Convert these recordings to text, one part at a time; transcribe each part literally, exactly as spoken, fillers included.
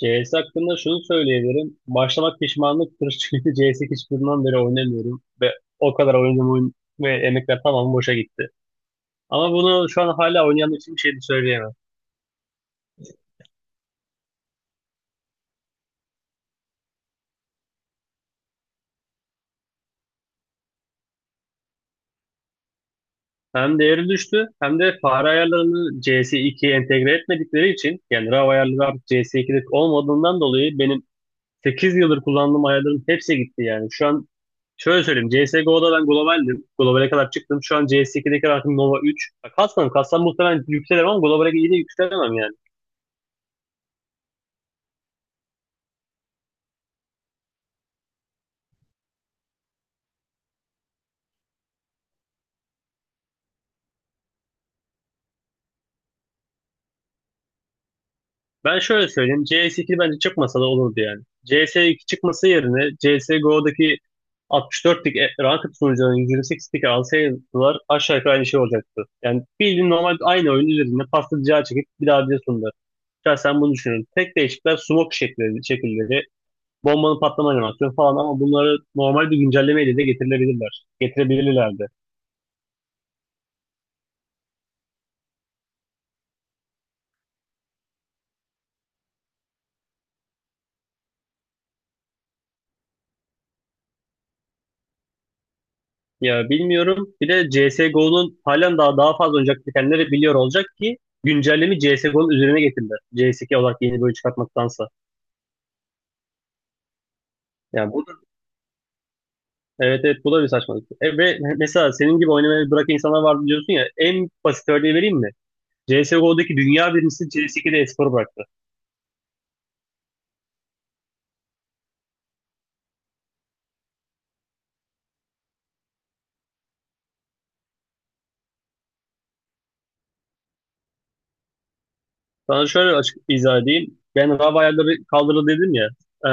C S hakkında şunu söyleyebilirim. Başlamak pişmanlıktır çünkü C S hiçbirinden beri oynamıyorum ve o kadar oynadığım oyun ve emekler tamamı boşa gitti. Ama bunu şu an hala oynayan için bir şey de söyleyemem. Hem değeri düştü hem de fare ayarlarını C S ikiye entegre etmedikleri için yani R A W ayarları artık C S ikide olmadığından dolayı benim sekiz yıldır kullandığım ayarların hepsi gitti yani. Şu an şöyle söyleyeyim. C S G O'da ben globaldim. Globale kadar çıktım. Şu an C S ikideki rankım Nova üç. Ya kastan katsam muhtemelen yükselirim ama globale iyi de yükselemem yani. Ben şöyle söyleyeyim. C S iki bence çıkmasa da olurdu yani. C S iki çıkması yerine C S G O'daki altmış dörtlük e- ranked sunucuların yüz yirmi sekizlik alsaydılar aşağı yukarı aynı şey olacaktı. Yani bildiğin normal aynı oyun üzerinde pasta rica çekip bir daha bir sundular. Şahsen bunu düşünüyorum. Tek değişiklikler smoke şekilleri, şekilleri. bombanın patlama animasyonu falan ama bunları normal bir güncellemeyle de getirilebilirler. Getirebilirlerdi. Ya bilmiyorum. Bir de C S G O'nun halen daha daha fazla oynayacak bitenleri biliyor olacak ki güncellemi C S G O'nun üzerine getirdiler. C S iki olarak yeni bölüm çıkartmaktansa. Yani bu da, evet evet bu da bir saçmalık. E, ve mesela senin gibi oynamayı bırakan insanlar vardı diyorsun ya, en basit örneği vereyim mi? C S G O'daki dünya birincisi C S ikide espor bıraktı. Sana şöyle açık izah edeyim. Ben Rav ayarları kaldırdı dedim ya. E,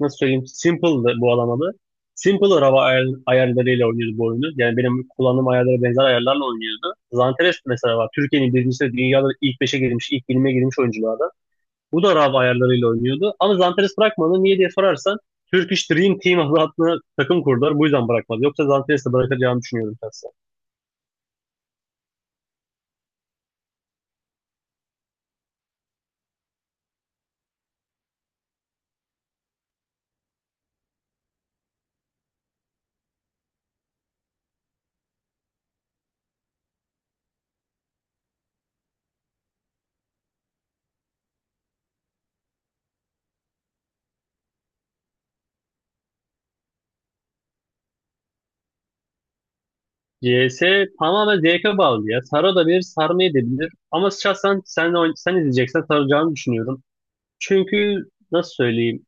Nasıl söyleyeyim? Simple'dı bu alamadı. Simple Rav ayar, ayarlarıyla oynuyordu bu oyunu. Yani benim kullandığım ayarlara benzer ayarlarla oynuyordu. Zanteres mesela var. Türkiye'nin birincisi, dünyada ilk beşe girmiş, ilk yirmiye girmiş oyunculardan. Bu da Rav ayarlarıyla oynuyordu. Ama Zanteres bırakmadı. Niye diye sorarsan Turkish Dream Team adlı adlı takım kurdular. Bu yüzden bırakmadı. Yoksa Zanteres'i de bırakacağını düşünüyorum ben. C S tamamen zevke bağlı ya. Sara da bilir, sarmayı da bilir. Ama şahsen sen, oyn- sen izleyeceksen saracağını düşünüyorum. Çünkü nasıl söyleyeyim?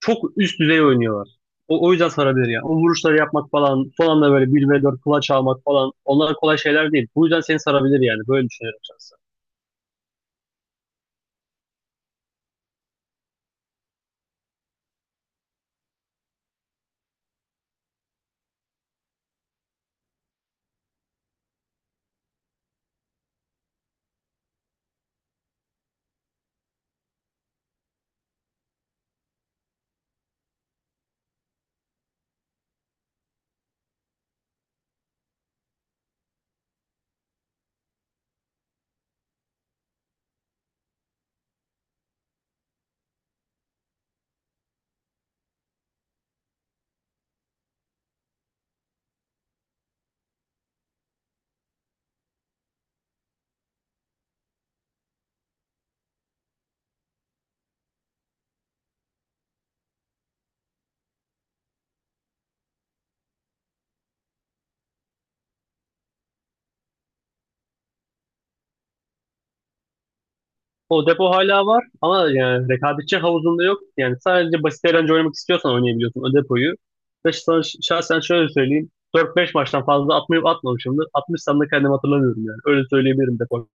Çok üst düzey oynuyorlar. O, o yüzden sarabilir ya. O vuruşları yapmak falan, son anda böyle bir v dört kulaç almak falan. Onlar kolay şeyler değil. Bu yüzden seni sarabilir yani. Böyle düşünüyorum şahsen. O depo hala var ama yani rekabetçi havuzunda yok. Yani sadece basit eğlence oynamak istiyorsan oynayabiliyorsun o depoyu. Ve sana ş- şahsen şöyle söyleyeyim. dört beş maçtan fazla atmayıp atmamışımdır. Atmışsam da kendimi hatırlamıyorum yani. Öyle söyleyebilirim depo.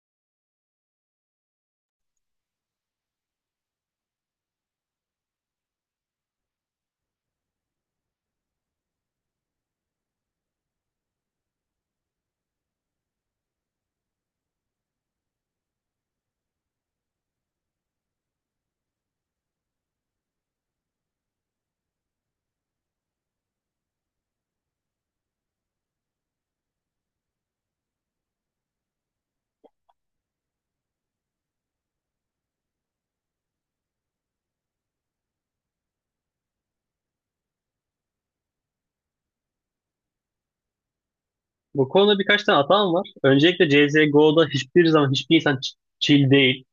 Bu konuda birkaç tane hatam var. Öncelikle C S G O'da hiçbir zaman hiçbir insan ç- chill değil.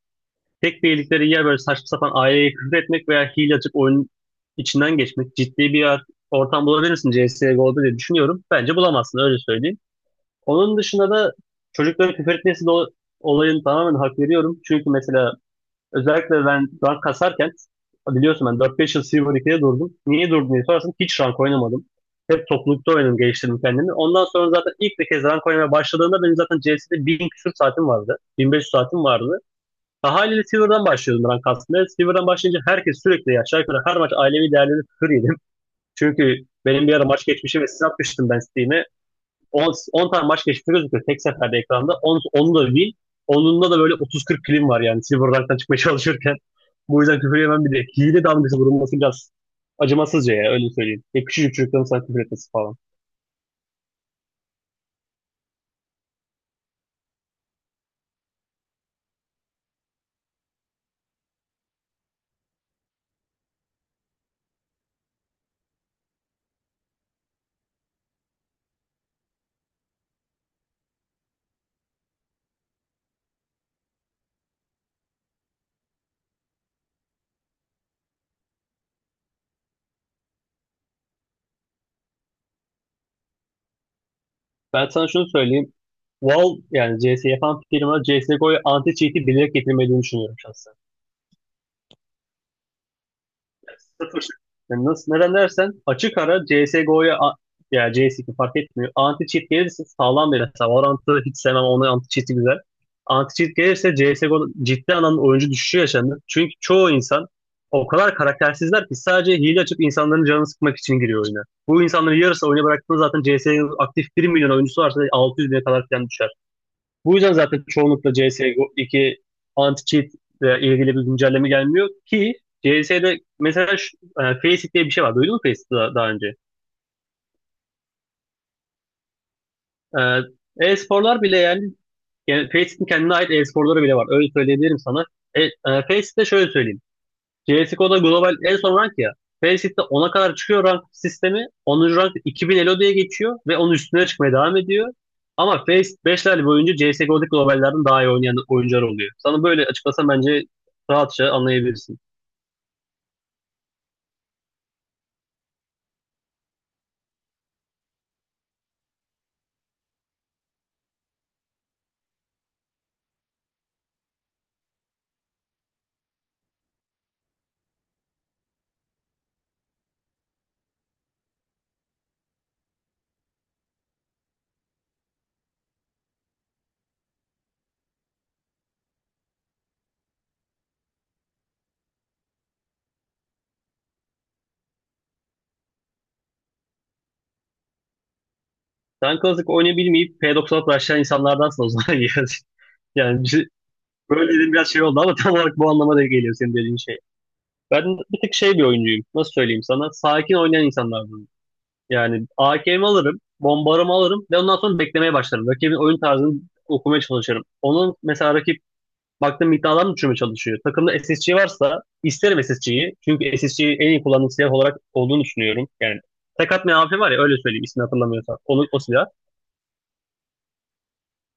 Tek bildikleri yer böyle saçma sapan aileye küfür etmek veya hile açıp oyunun içinden geçmek. Ciddi bir yer- ortam bulabilir misin C S G O'da diye düşünüyorum. Bence bulamazsın, öyle söyleyeyim. Onun dışında da çocuklara küfür etmesi de o- olayını tamamen hak veriyorum. Çünkü mesela özellikle ben rank kasarken biliyorsun ben dört ila beş yıl Silver ikide durdum. Niye durdum diye sorarsan hiç rank oynamadım. Hep toplulukta oynadım, geliştirdim kendimi. Ondan sonra zaten ilk bir kez rank oynamaya başladığımda benim zaten C S'de bin küsur saatim vardı. bin beş yüz saatim vardı. Daha haliyle Silver'dan başlıyordum rank aslında. Silver'dan başlayınca herkes sürekli aşağı yukarı her maç ailevi değerleri küfür yedim. Çünkü benim bir ara maç geçmişi ve siz atmıştım ben Steam'e. on, on tane maç geçmiş gözüküyor tek seferde ekranda. On, onu da win. Onunla da böyle otuz kırk kilim var yani Silver Rank'tan çıkmaya çalışırken. Bu yüzden küfür yemem bir de. Hile damgası vurulması biraz acımasızca ya, öyle söyleyeyim. Ya küçücük çocukların sana küfür etmesi falan. Ben sana şunu söyleyeyim. Valve yani C S yapan firma C S G O'ya anti-cheat'i bilerek getirmediğini düşünüyorum şahsen. Sıfır. Yani nasıl, neden dersen açık ara C S G O'ya a- ya C S iki fark etmiyor. Anti cheat gelirse sağlam bir hesap. Valorant'ı hiç sevmem. Onun anti cheat'i güzel. Anti cheat gelirse C S G O'da ciddi anlamda oyuncu düşüşü yaşandı. Çünkü çoğu insan o kadar karaktersizler ki sadece hile açıp insanların canını sıkmak için giriyor oyuna. Bu insanların yarısı oyuna bıraktığında zaten C S'nin aktif bir milyon oyuncusu varsa altı yüz bine kadar falan düşer. Bu yüzden zaten çoğunlukla cs iki anti-cheat ile ilgili bir güncelleme gelmiyor ki. C S'de mesela şu, e, Faceit diye bir şey var. Duydun mu Faceit'i daha, daha önce? E, E-sporlar bile yani, yani Faceit'in kendine ait e-sporları bile var. Öyle söyleyebilirim sana. E, e, Faceit'te şöyle söyleyeyim. C S G O'da global en son rank ya. Faceit de ona kadar çıkıyor rank sistemi. Onuncu rank iki bin Elo diye geçiyor ve onun üstüne çıkmaya devam ediyor. Ama Faceit beşler boyunca C S G O'daki globallerden daha iyi oynayan oyuncular oluyor. Sana böyle açıklasam bence rahatça anlayabilirsin. Sen Classic oynayabilmeyip P doksan altı başlayan insanlardansın o zaman. Yani, yani bir- şey- Böyle dediğim biraz şey oldu ama tam olarak bu anlama da geliyor senin dediğin şey. Ben bir tek şey bir oyuncuyum. Nasıl söyleyeyim sana? Sakin oynayan insanlardan. Yani a ka mı alırım, bombarımı alırım ve ondan sonra beklemeye başlarım. Rakibin oyun tarzını okumaya çalışırım. Onun mesela rakip baktığım iddialar mı düşürmeye çalışıyor? Takımda S S C varsa isterim S S C'yi. Çünkü S S C'yi en iyi kullandığım silah olarak olduğunu düşünüyorum. Yani tek atmayan A P var ya, öyle söyleyeyim ismini hatırlamıyorsam. Onu, o silah.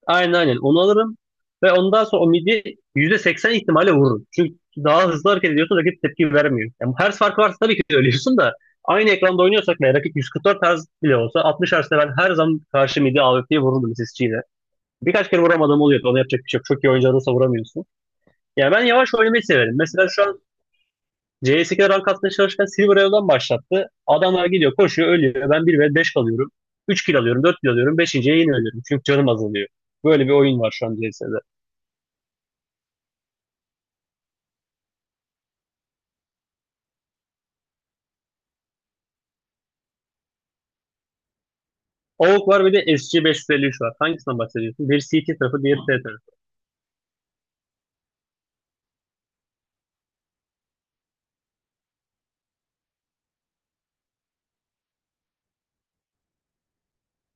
Aynen aynen onu alırım ve ondan sonra o midi yüzde seksen ihtimalle vururum. Çünkü daha hızlı hareket ediyorsun, rakip tepki vermiyor. Yani hertz farkı varsa tabii ki de ölüyorsun da aynı ekranda oynuyorsak ve rakip yüz kırk dört Hz bile olsa altmış Hz'de ben her zaman karşı midi A W P'ye vururdum sesçiyle. Birkaç kere vuramadığım oluyordu. Onu yapacak bir şey yok. Çok iyi oyuncu vuramıyorsun. Yani ben yavaş oynamayı severim. Mesela şu an C S ikide rank atmaya çalışırken Silver Elo'dan başlattı. Adamlar gidiyor, koşuyor, ölüyor. Ben bir ve beş kalıyorum. Üç kill alıyorum, dört kill alıyorum, beş yine ölüyorum. Çünkü canım azalıyor. Böyle bir oyun var şu an C S'de. A U G var, bir de S G beş yüz elli üç var. Hangisinden bahsediyorsun? Biri C T tarafı, diğer T tarafı.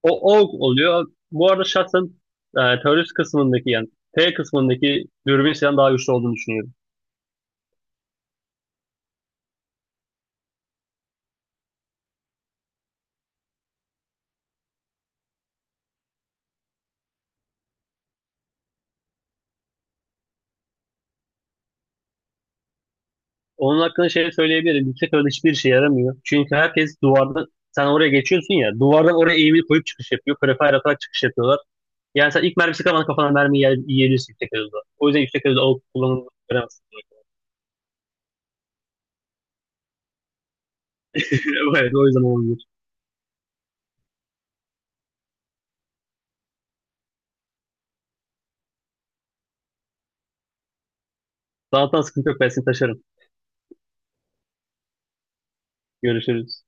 O A U G oluyor. Bu arada şahsen e, terörist kısmındaki yani T kısmındaki dürbün silahın daha güçlü olduğunu düşünüyorum. Onun hakkında şey söyleyebilirim. Yüksek orada hiçbir şey yaramıyor. Çünkü herkes duvardan sen oraya geçiyorsun ya, duvardan oraya eğimi koyup çıkış yapıyor. Prefire atarak çıkış yapıyorlar. Yani sen ilk mermisi kalmadan kafana mermi yer, yiyebilirsin yüksek hızda. O yüzden yüksek hızda A U G kullanılmaz. Evet, o yüzden olabilir. Zaten sıkıntı yok. Ben seni taşırım. Görüşürüz.